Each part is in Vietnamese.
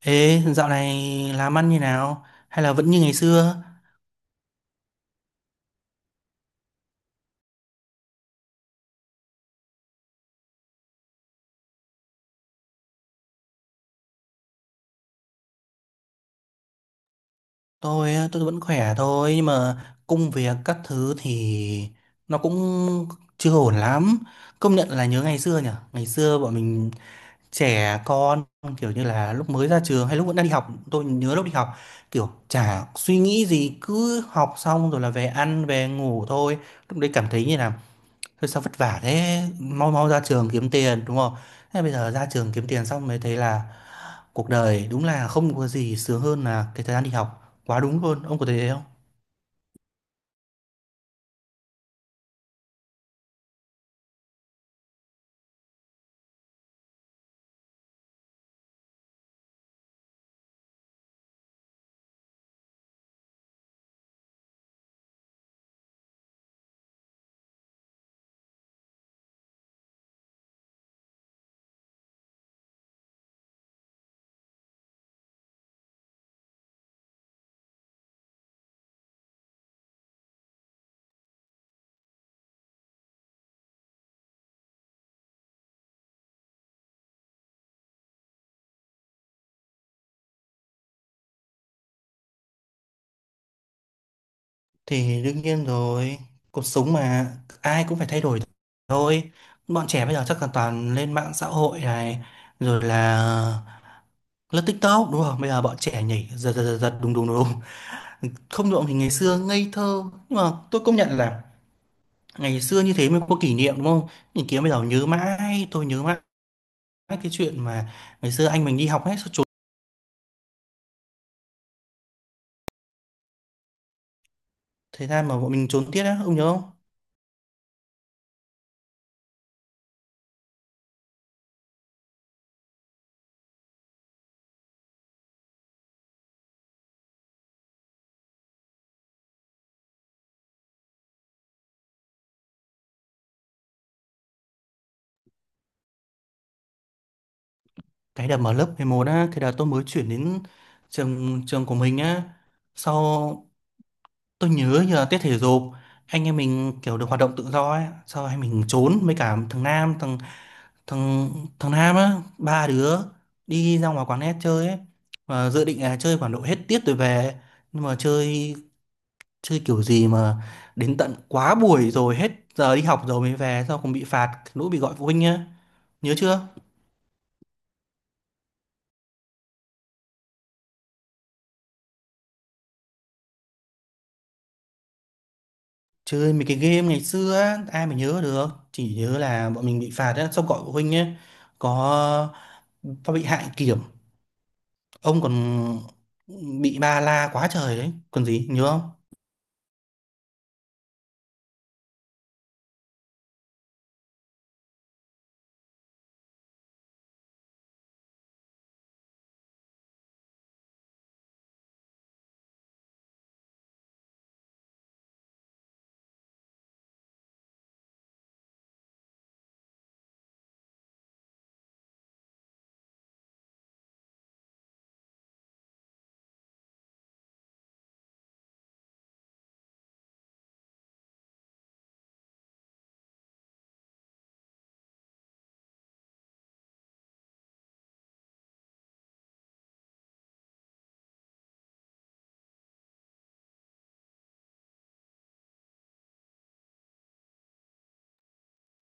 Ê, dạo này làm ăn như nào? Hay là vẫn như ngày xưa? Tôi vẫn khỏe thôi nhưng mà công việc các thứ thì nó cũng chưa ổn lắm. Công nhận là nhớ ngày xưa nhỉ? Ngày xưa bọn mình trẻ con, kiểu như là lúc mới ra trường hay lúc vẫn đang đi học. Tôi nhớ lúc đi học kiểu chả suy nghĩ gì, cứ học xong rồi là về ăn về ngủ thôi. Lúc đấy cảm thấy như là thôi sao vất vả thế, mau mau ra trường kiếm tiền đúng không. Thế bây giờ ra trường kiếm tiền xong mới thấy là cuộc đời đúng là không có gì sướng hơn là cái thời gian đi học. Quá đúng luôn, ông có thấy thế không? Thì đương nhiên rồi, cuộc sống mà, ai cũng phải thay đổi thôi. Bọn trẻ bây giờ chắc là toàn lên mạng xã hội này, rồi là lướt TikTok đúng không. Bây giờ bọn trẻ nhảy giật giật giật giật, đúng đúng đúng không được. Thì ngày xưa ngây thơ nhưng mà tôi công nhận là ngày xưa như thế mới có kỷ niệm, đúng không? Nhìn kia bây giờ nhớ mãi, tôi nhớ mãi cái chuyện mà ngày xưa anh mình đi học hết, sao trốn thời gian mà bọn mình trốn tiết á, ông nhớ không? Cái đợt mà lớp 11 á, cái đợt tôi mới chuyển đến trường trường của mình á, sau tôi nhớ như là tiết thể dục, anh em mình kiểu được hoạt động tự do ấy. Sau anh mình trốn với cả thằng Nam, thằng thằng thằng Nam á, ba đứa đi ra ngoài quán net chơi ấy. Và dự định là chơi khoảng độ hết tiết rồi về, nhưng mà chơi chơi kiểu gì mà đến tận quá buổi, rồi hết giờ đi học rồi mới về. Sao còn bị phạt lỗi, bị gọi phụ huynh nhá. Nhớ chưa? Chơi mấy cái game ngày xưa á, ai mà nhớ được. Chỉ nhớ là bọn mình bị phạt á, xong gọi phụ huynh nhé. Có có bị hại kiểm, ông còn bị ba la quá trời đấy. Còn gì, nhớ không?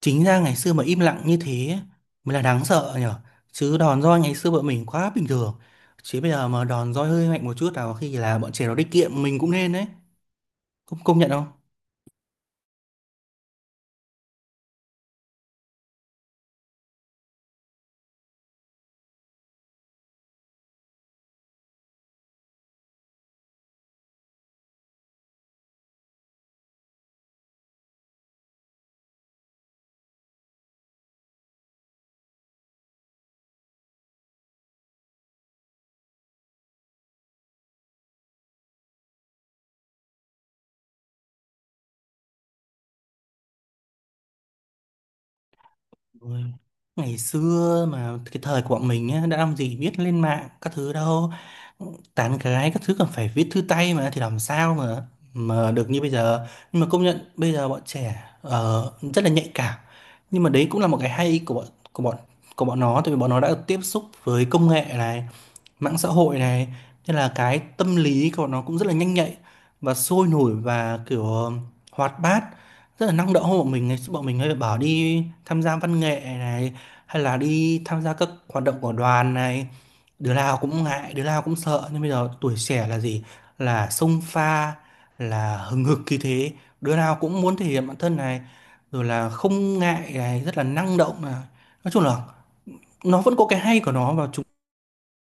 Chính ra ngày xưa mà im lặng như thế mới là đáng sợ nhở. Chứ đòn roi ngày xưa bọn mình quá bình thường. Chứ bây giờ mà đòn roi hơi mạnh một chút nào khi là bọn trẻ nó đi kiệm mình cũng nên đấy. Công công nhận không? Ôi, ngày xưa mà cái thời của bọn mình á, đã làm gì biết lên mạng các thứ đâu. Tán gái các thứ còn phải viết thư tay mà, thì làm sao mà được như bây giờ. Nhưng mà công nhận bây giờ bọn trẻ rất là nhạy cảm. Nhưng mà đấy cũng là một cái hay của bọn của bọn nó, tại vì bọn nó đã tiếp xúc với công nghệ này, mạng xã hội này, nên là cái tâm lý của nó cũng rất là nhanh nhạy và sôi nổi và kiểu hoạt bát, rất là năng động hơn bọn mình. Ngày xưa bọn mình hay bảo đi tham gia văn nghệ này, hay là đi tham gia các hoạt động của đoàn này, đứa nào cũng ngại, đứa nào cũng sợ. Nhưng bây giờ tuổi trẻ là gì? Là xông pha, là hừng hực khí thế, đứa nào cũng muốn thể hiện bản thân này, rồi là không ngại này, rất là năng động này. Nói chung là nó vẫn có cái hay của nó, và chúng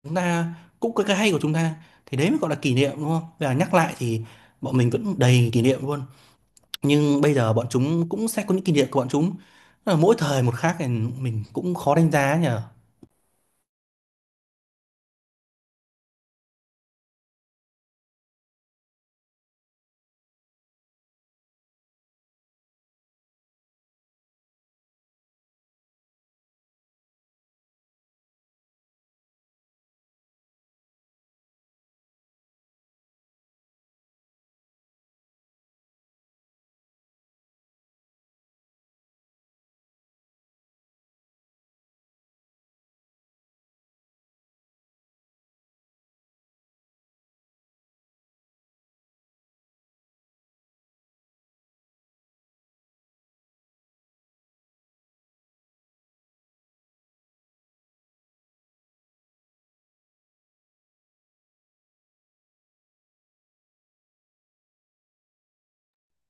chúng ta cũng có cái hay của chúng ta. Thì đấy mới gọi là kỷ niệm, đúng không? Và nhắc lại thì bọn mình vẫn đầy kỷ niệm luôn, nhưng bây giờ bọn chúng cũng sẽ có những kỷ niệm của bọn chúng. Tức là mỗi thời một khác, thì mình cũng khó đánh giá nhở.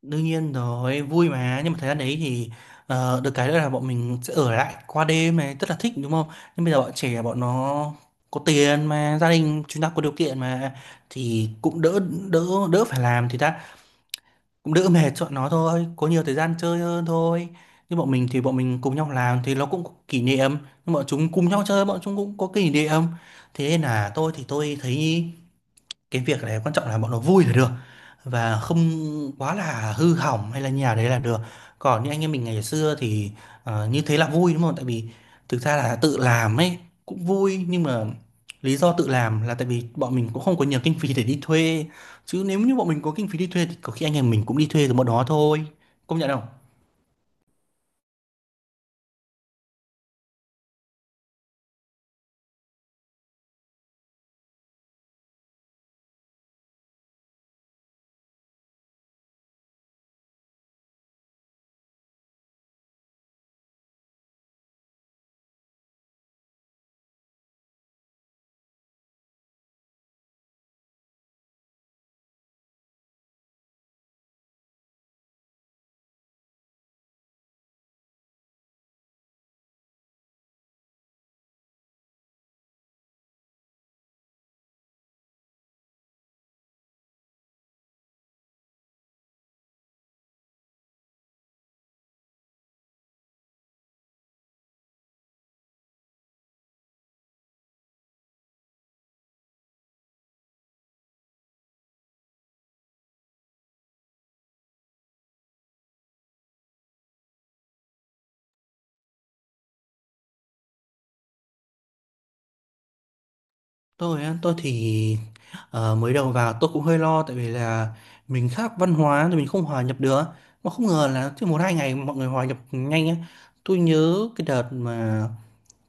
Đương nhiên rồi, vui mà. Nhưng mà thời gian đấy thì được cái nữa là bọn mình sẽ ở lại qua đêm này, rất là thích đúng không. Nhưng bây giờ bọn trẻ, bọn nó có tiền mà, gia đình chúng ta có điều kiện mà, thì cũng đỡ, đỡ đỡ phải làm thì ta, cũng đỡ mệt cho bọn nó thôi, có nhiều thời gian chơi hơn thôi. Nhưng bọn mình thì bọn mình cùng nhau làm thì nó cũng có kỷ niệm, nhưng bọn chúng cùng nhau chơi bọn chúng cũng có kỷ niệm. Thế nên là tôi thì tôi thấy cái việc này quan trọng là bọn nó vui là được, và không quá là hư hỏng hay là nhà đấy là được. Còn như anh em mình ngày xưa thì như thế là vui, đúng không? Tại vì thực ra là tự làm ấy cũng vui, nhưng mà lý do tự làm là tại vì bọn mình cũng không có nhiều kinh phí để đi thuê. Chứ nếu như bọn mình có kinh phí đi thuê thì có khi anh em mình cũng đi thuê từ bọn đó thôi, công nhận không? Tôi á, tôi thì mới đầu vào tôi cũng hơi lo, tại vì là mình khác văn hóa thì mình không hòa nhập được. Mà không ngờ là chỉ 1 2 ngày mọi người hòa nhập nhanh á. Tôi nhớ cái đợt mà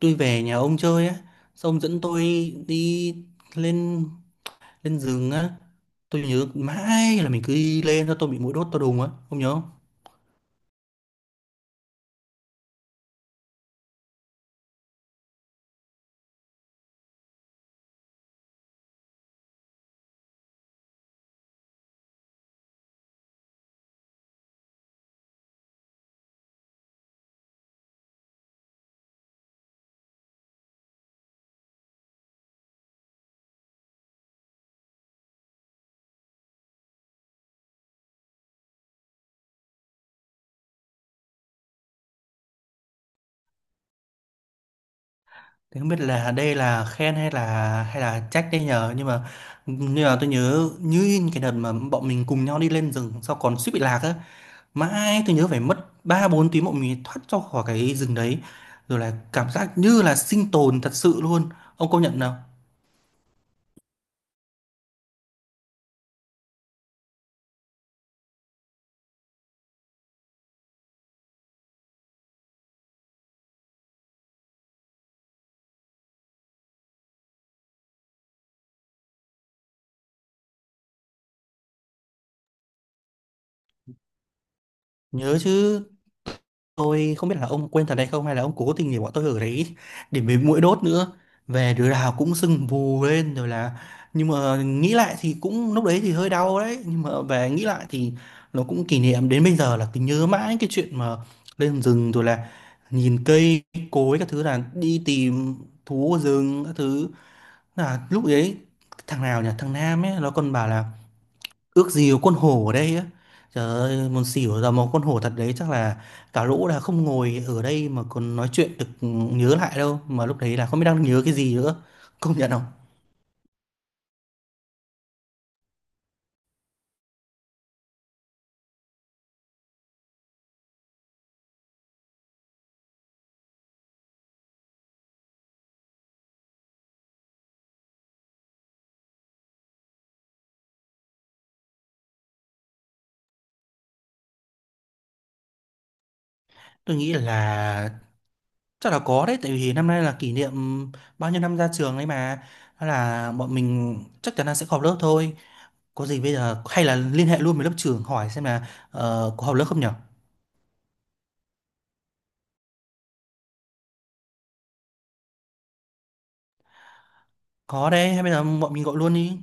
tôi về nhà ông chơi á, xong dẫn tôi đi lên lên rừng á. Tôi nhớ mãi là mình cứ đi lên, cho tôi bị muỗi đốt tôi đùng á, ông nhớ không? Thì không biết là đây là khen hay là trách đây nhờ. Nhưng mà tôi nhớ như in cái đợt mà bọn mình cùng nhau đi lên rừng sau còn suýt bị lạc á. Mãi tôi nhớ phải mất 3 4 tiếng bọn mình thoát ra khỏi cái rừng đấy, rồi là cảm giác như là sinh tồn thật sự luôn. Ông công nhận nào. Nhớ chứ. Tôi không biết là ông quên thật hay không, hay là ông cố tình để bọn tôi ở đấy để mấy mũi đốt nữa. Về đứa nào cũng sưng vù lên rồi là, nhưng mà nghĩ lại thì cũng lúc đấy thì hơi đau đấy, nhưng mà về nghĩ lại thì nó cũng kỷ niệm, đến bây giờ là cứ nhớ mãi cái chuyện mà lên rừng rồi là nhìn cây cối các thứ, là đi tìm thú ở rừng các thứ. Là lúc đấy thằng nào nhỉ, thằng Nam ấy, nó còn bảo là ước gì có con hổ ở đây á. Trời ơi, muốn xỉu. Ra một con hổ thật đấy chắc là cả lũ là không ngồi ở đây mà còn nói chuyện được. Ừ, nhớ lại đâu mà lúc đấy là không biết đang nhớ cái gì nữa, công nhận không? Tôi nghĩ là chắc là có đấy, tại vì năm nay là kỷ niệm bao nhiêu năm ra trường ấy mà. Đó là bọn mình chắc chắn là sẽ họp lớp thôi. Có gì bây giờ hay là liên hệ luôn với lớp trưởng hỏi xem là có họp lớp không nhở. Có đấy, hay bây giờ bọn mình gọi luôn đi.